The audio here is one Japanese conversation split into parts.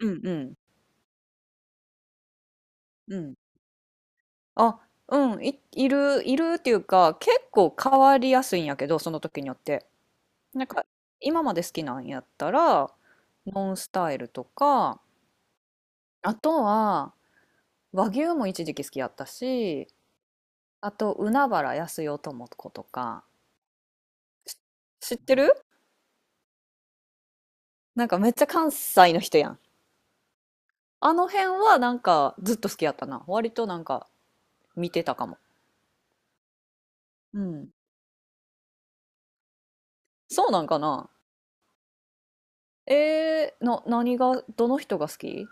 うんうん。うん。あ、うん、いるっていうか、結構変わりやすいんやけど、その時によって。なんか、今まで好きなんやったら、ノンスタイルとか、あとは、和牛も一時期好きやったし、あと、海原やすよともことか、し、知ってる？なんかめっちゃ関西の人やん。あの辺はなんかずっと好きやったな。割となんか見てたかも。うん。そうなんかな。何が、どの人が好き？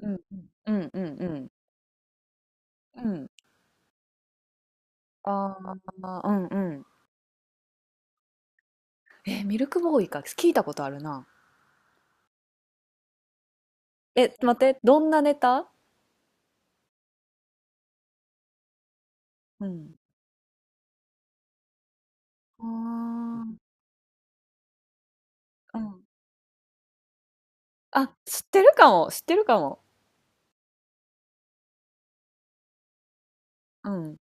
うんうんうんうんうんうん。ああー。うんうん。え、ミルクボーイか聞いたことあるな。え、待って、どんなネタ？うん。ああ、うん。あ、知ってるかも知ってるかも。うん。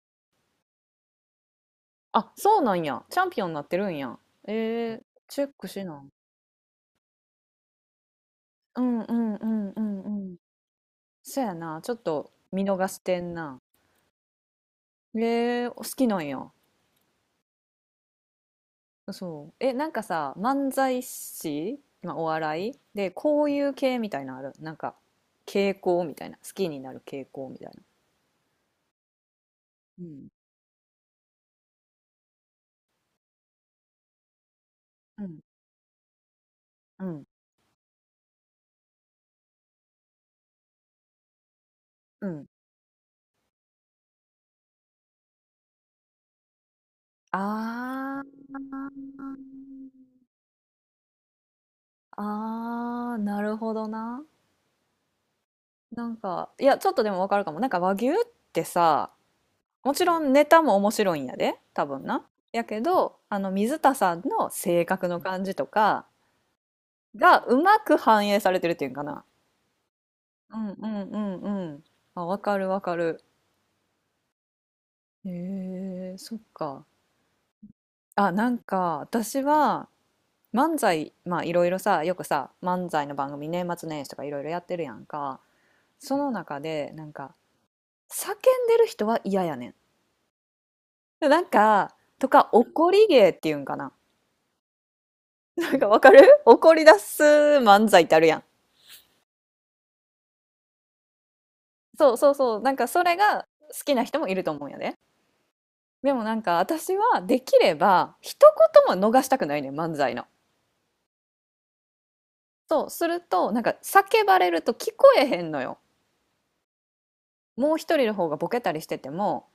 あ、そうなんや。チャンピオンになってるんや。えー、チェックしな。うんうんうんうんうん。そやな、ちょっと見逃してんな。お、好きなんや。そう。え、なんかさ、漫才師、まあ、お笑いで、こういう系みたいなのある。なんか、傾向みたいな。好きになる傾向みたいな。うん。な。うん。うん。うん。ああ、ああ、なるほどな。なんか、いや、ちょっとでもわかるかも。なんか和牛ってさ、もちろんネタも面白いんやで、多分な。やけど、水田さんの性格の感じとかがうまく反映されてるっていうんかな。うんうんうんうん。あ、わかるわかる。へえ、そっか。あ、なんか私は漫才、まあいろいろさ、よくさ、漫才の番組年末年始とかいろいろやってるやんか。その中で、なんか、叫んでる人は嫌やねん。なんか、とか、怒り芸っていうんかな。なんかわかる。怒り出す漫才ってあるやん。そうそうそう。なんかそれが好きな人もいると思うんやで。でもなんか私はできれば一言も逃したくないねん、漫才の。そう、すると、なんか叫ばれると聞こえへんのよ。もう一人の方がボケたりしてても、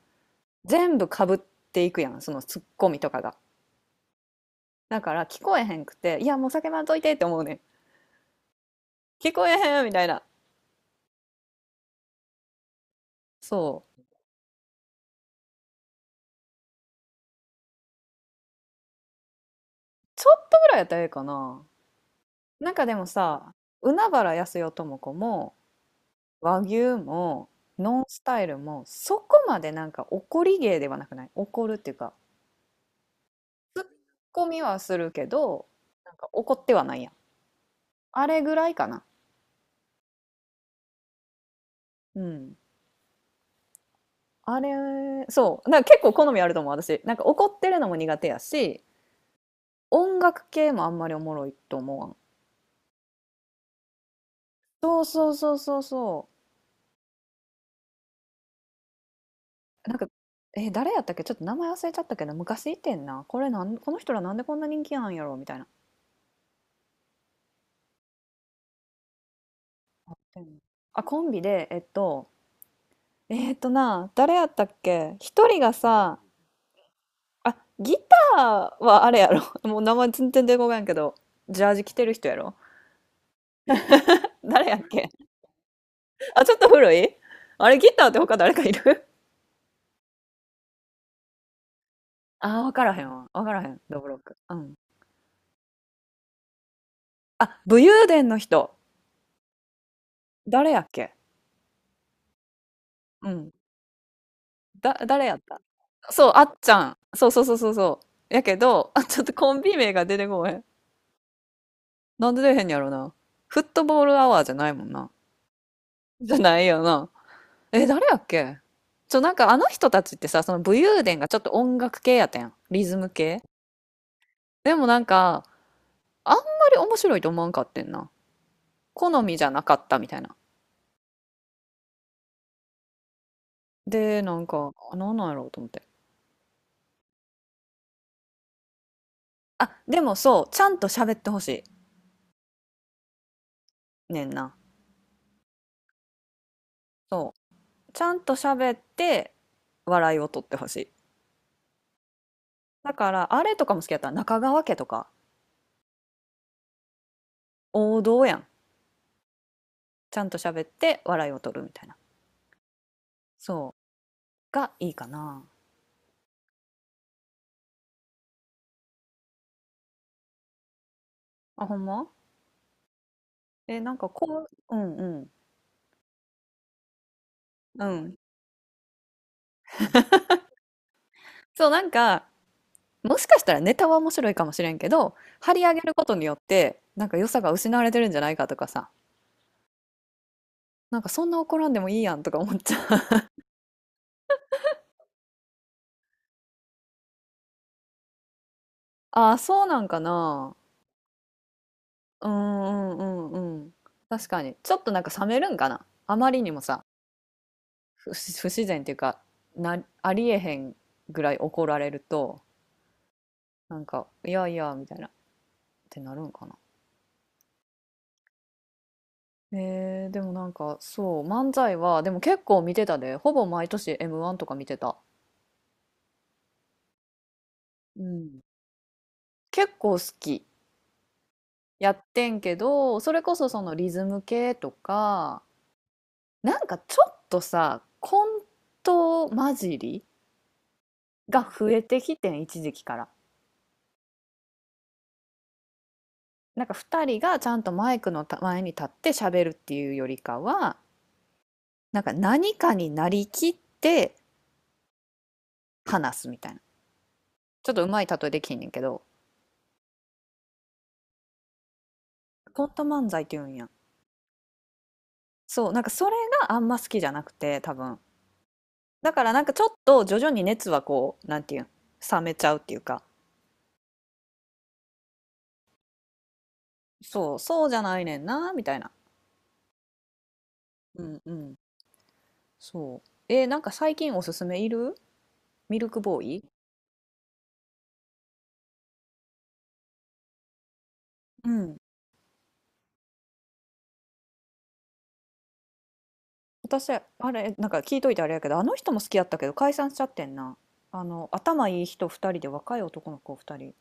全部かぶっていくやん、そのツッコミとかが。だから聞こえへんくて、いや、もう叫ばんといてって思うねん。聞こえへんみたいな。そう。ちょっとぐらいやったらええかな。なんかでもさ、海原やすよとも子も、和牛も、ノンスタイルも、そこまでなんか怒り芸ではなくない？怒るっていうか、ツッコミはするけど、なんか怒ってはないやん。あれぐらいかな。うん。あれ、そう。なんか結構好みあると思う、私。なんか怒ってるのも苦手やし、音楽系もあんまりおもろいと思わん。そうそうそうそうそう。なんか、え、誰やったっけ、ちょっと名前忘れちゃったけど、昔いてんな。この人らなんでこんな人気なんやろみたいな。うん。あ、コンビで、えっと、えっとな、誰やったっけ、一人がさ、あ、ギターはあれやろ。もう名前全然出てこないんけど、ジャージ着てる人やろ。誰やっけ？あ、ちょっと古い。あれ、ギターって他誰かいる？ああ、わからへんわ。わからへん、どぶろく。うん。あ、武勇伝の人。誰やっけ？うん。誰やった？そう、あっちゃん。そうそうそうそうそう。やけど、あ、ちょっとコンビ名が出てこへん。なんで出えへんやろな。フットボールアワーじゃないもんな。じゃないよな。え、誰やっけ？なんかあの人たちってさ、その武勇伝がちょっと音楽系やったやん。リズム系。でもなんか、あんまり面白いと思わんかってんな。好みじゃなかったみたいな。で、なんか、あ、なんなんやろうと思って。あ、でもそう、ちゃんと喋ってほしいねんな。そう。ちゃんと喋って笑いを取ってほしい。だから、あれとかも好きやった。中川家とか、王道やん。ちゃんと喋って笑いを取るみたいな。そう。がいいかな。あ、ほんま？え、なんかこう、うんうん。うん。そう、なんか、もしかしたらネタは面白いかもしれんけど、張り上げることによって、なんか良さが失われてるんじゃないかとかさ。なんかそんな怒らんでもいいやんとか思っちゃう。ああ、そうなんかな。うんうんうんうん。確かに。ちょっとなんか冷めるんかな。あまりにもさ、不自然っていうか、ありえへんぐらい怒られると、なんか、いやいや、みたいな、ってなるんかな。でもなんか、そう、漫才は、でも結構見てたで、ほぼ毎年 M1 とか見てた。うん。結構好き。やってんけど、それこそそのリズム系とか、なんかちょっとさ、コント混じりが増えてきてん、一時期から。なんか2人がちゃんとマイクの前に立って喋るっていうよりかは、なんか何かになりきって話すみたいな。ちょっとうまい例えできひんねんけど、コント漫才って言うんや？そうなんか、それがあんま好きじゃなくて、多分。だからなんかちょっと徐々に熱は、こう、なんていうん、冷めちゃうっていうか。そうそう、じゃないねんなみたいな。うんうん。そう。なんか最近おすすめいる？ミルクボーイ。うん。私、あれ、なんか聞いといてあれやけど、あの人も好きやったけど解散しちゃってんな。あの、頭いい人2人で若い男の子2人。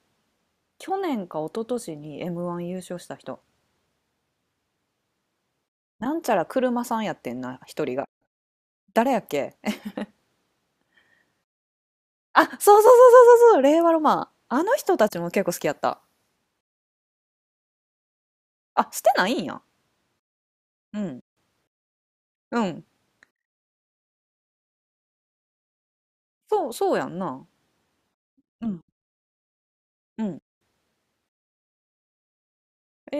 去年か一昨年に M1 優勝した人。なんちゃら車さんやってんな、1人が。誰やっけえ、あ、そうそうそうそうそうそう、令和ロマン。あの人たちも結構好きやった。あ、してないんや。うん。うん。そう、そうやんな。うん。うん。え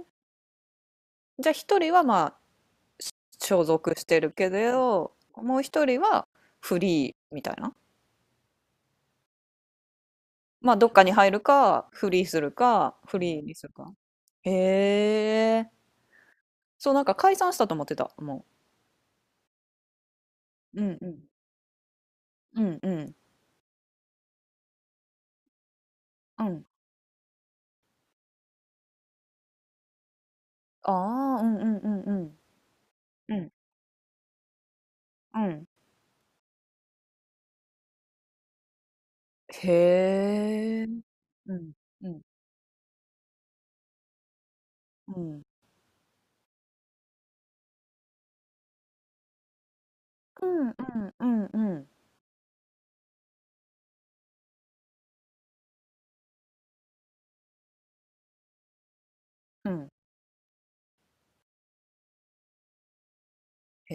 ー、じゃあ1人はまあ、所属してるけど、もう1人はフリーみたいな。まあ、どっかに入るか、フリーするか、フリーにするか。へえ。そう、なんか解散したと思ってた、もう。うんうん。うんうん。うん。ああ、うんうんうんうん。うん。うん。へえ。うん。うん。うん。うんうんうんうん。うん。へ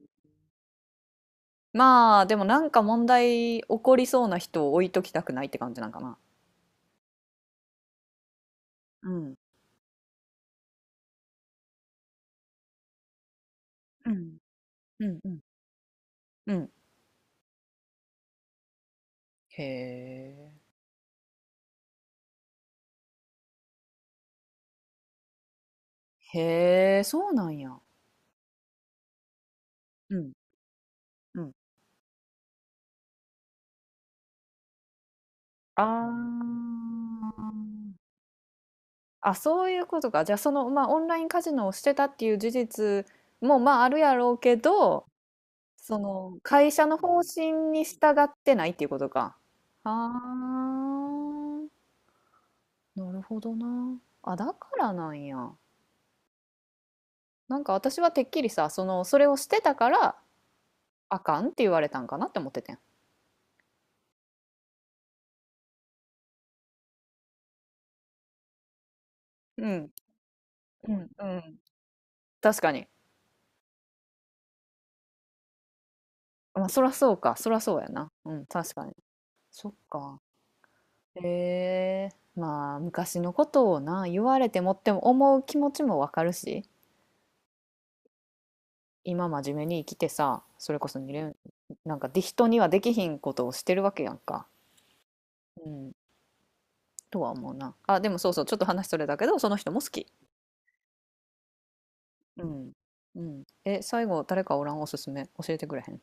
え。まあ、でもなんか問題起こりそうな人を置いときたくないって感じなんかな。うん。うん。うんうん。うん。へえ。へえ、そうなんや。うん。うん。ああ。あ、そういうことか。じゃあその、まあ、オンラインカジノをしてたっていう事実も、まあ、あるやろうけど、その会社の方針に従ってないっていうことか。ああ、なるほどな。あ、だからなんや。なんか私はてっきりさ、その、それをしてたからあかんって言われたんかなって思っててん。うん、うん、うん。確かに。まあ、そらそうか。そらそうやな。うん、確かに。そっか。ええ、まあ、昔のことをな、言われてもっても思う気持ちもわかるし、今真面目に生きてさ、それこそに連なんかで、人にはできひんことをしてるわけやんか。うん、とは思うな。あ、でもそうそう、ちょっと話それだけど、その人も好き。うん。うん。え、最後誰かおらん？おすすめ教えてくれへん？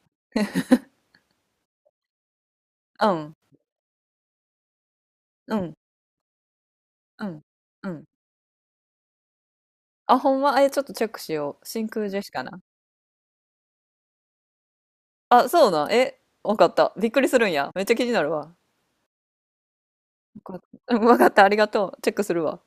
うんうんうんうん。あ、ほんま？え、ちょっとチェックしよう、真空ジェシカな。あ、そうなん？え、わかった。びっくりするんや？めっちゃ気になるわ。わかった。うん、わかった。ありがとう。チェックするわ。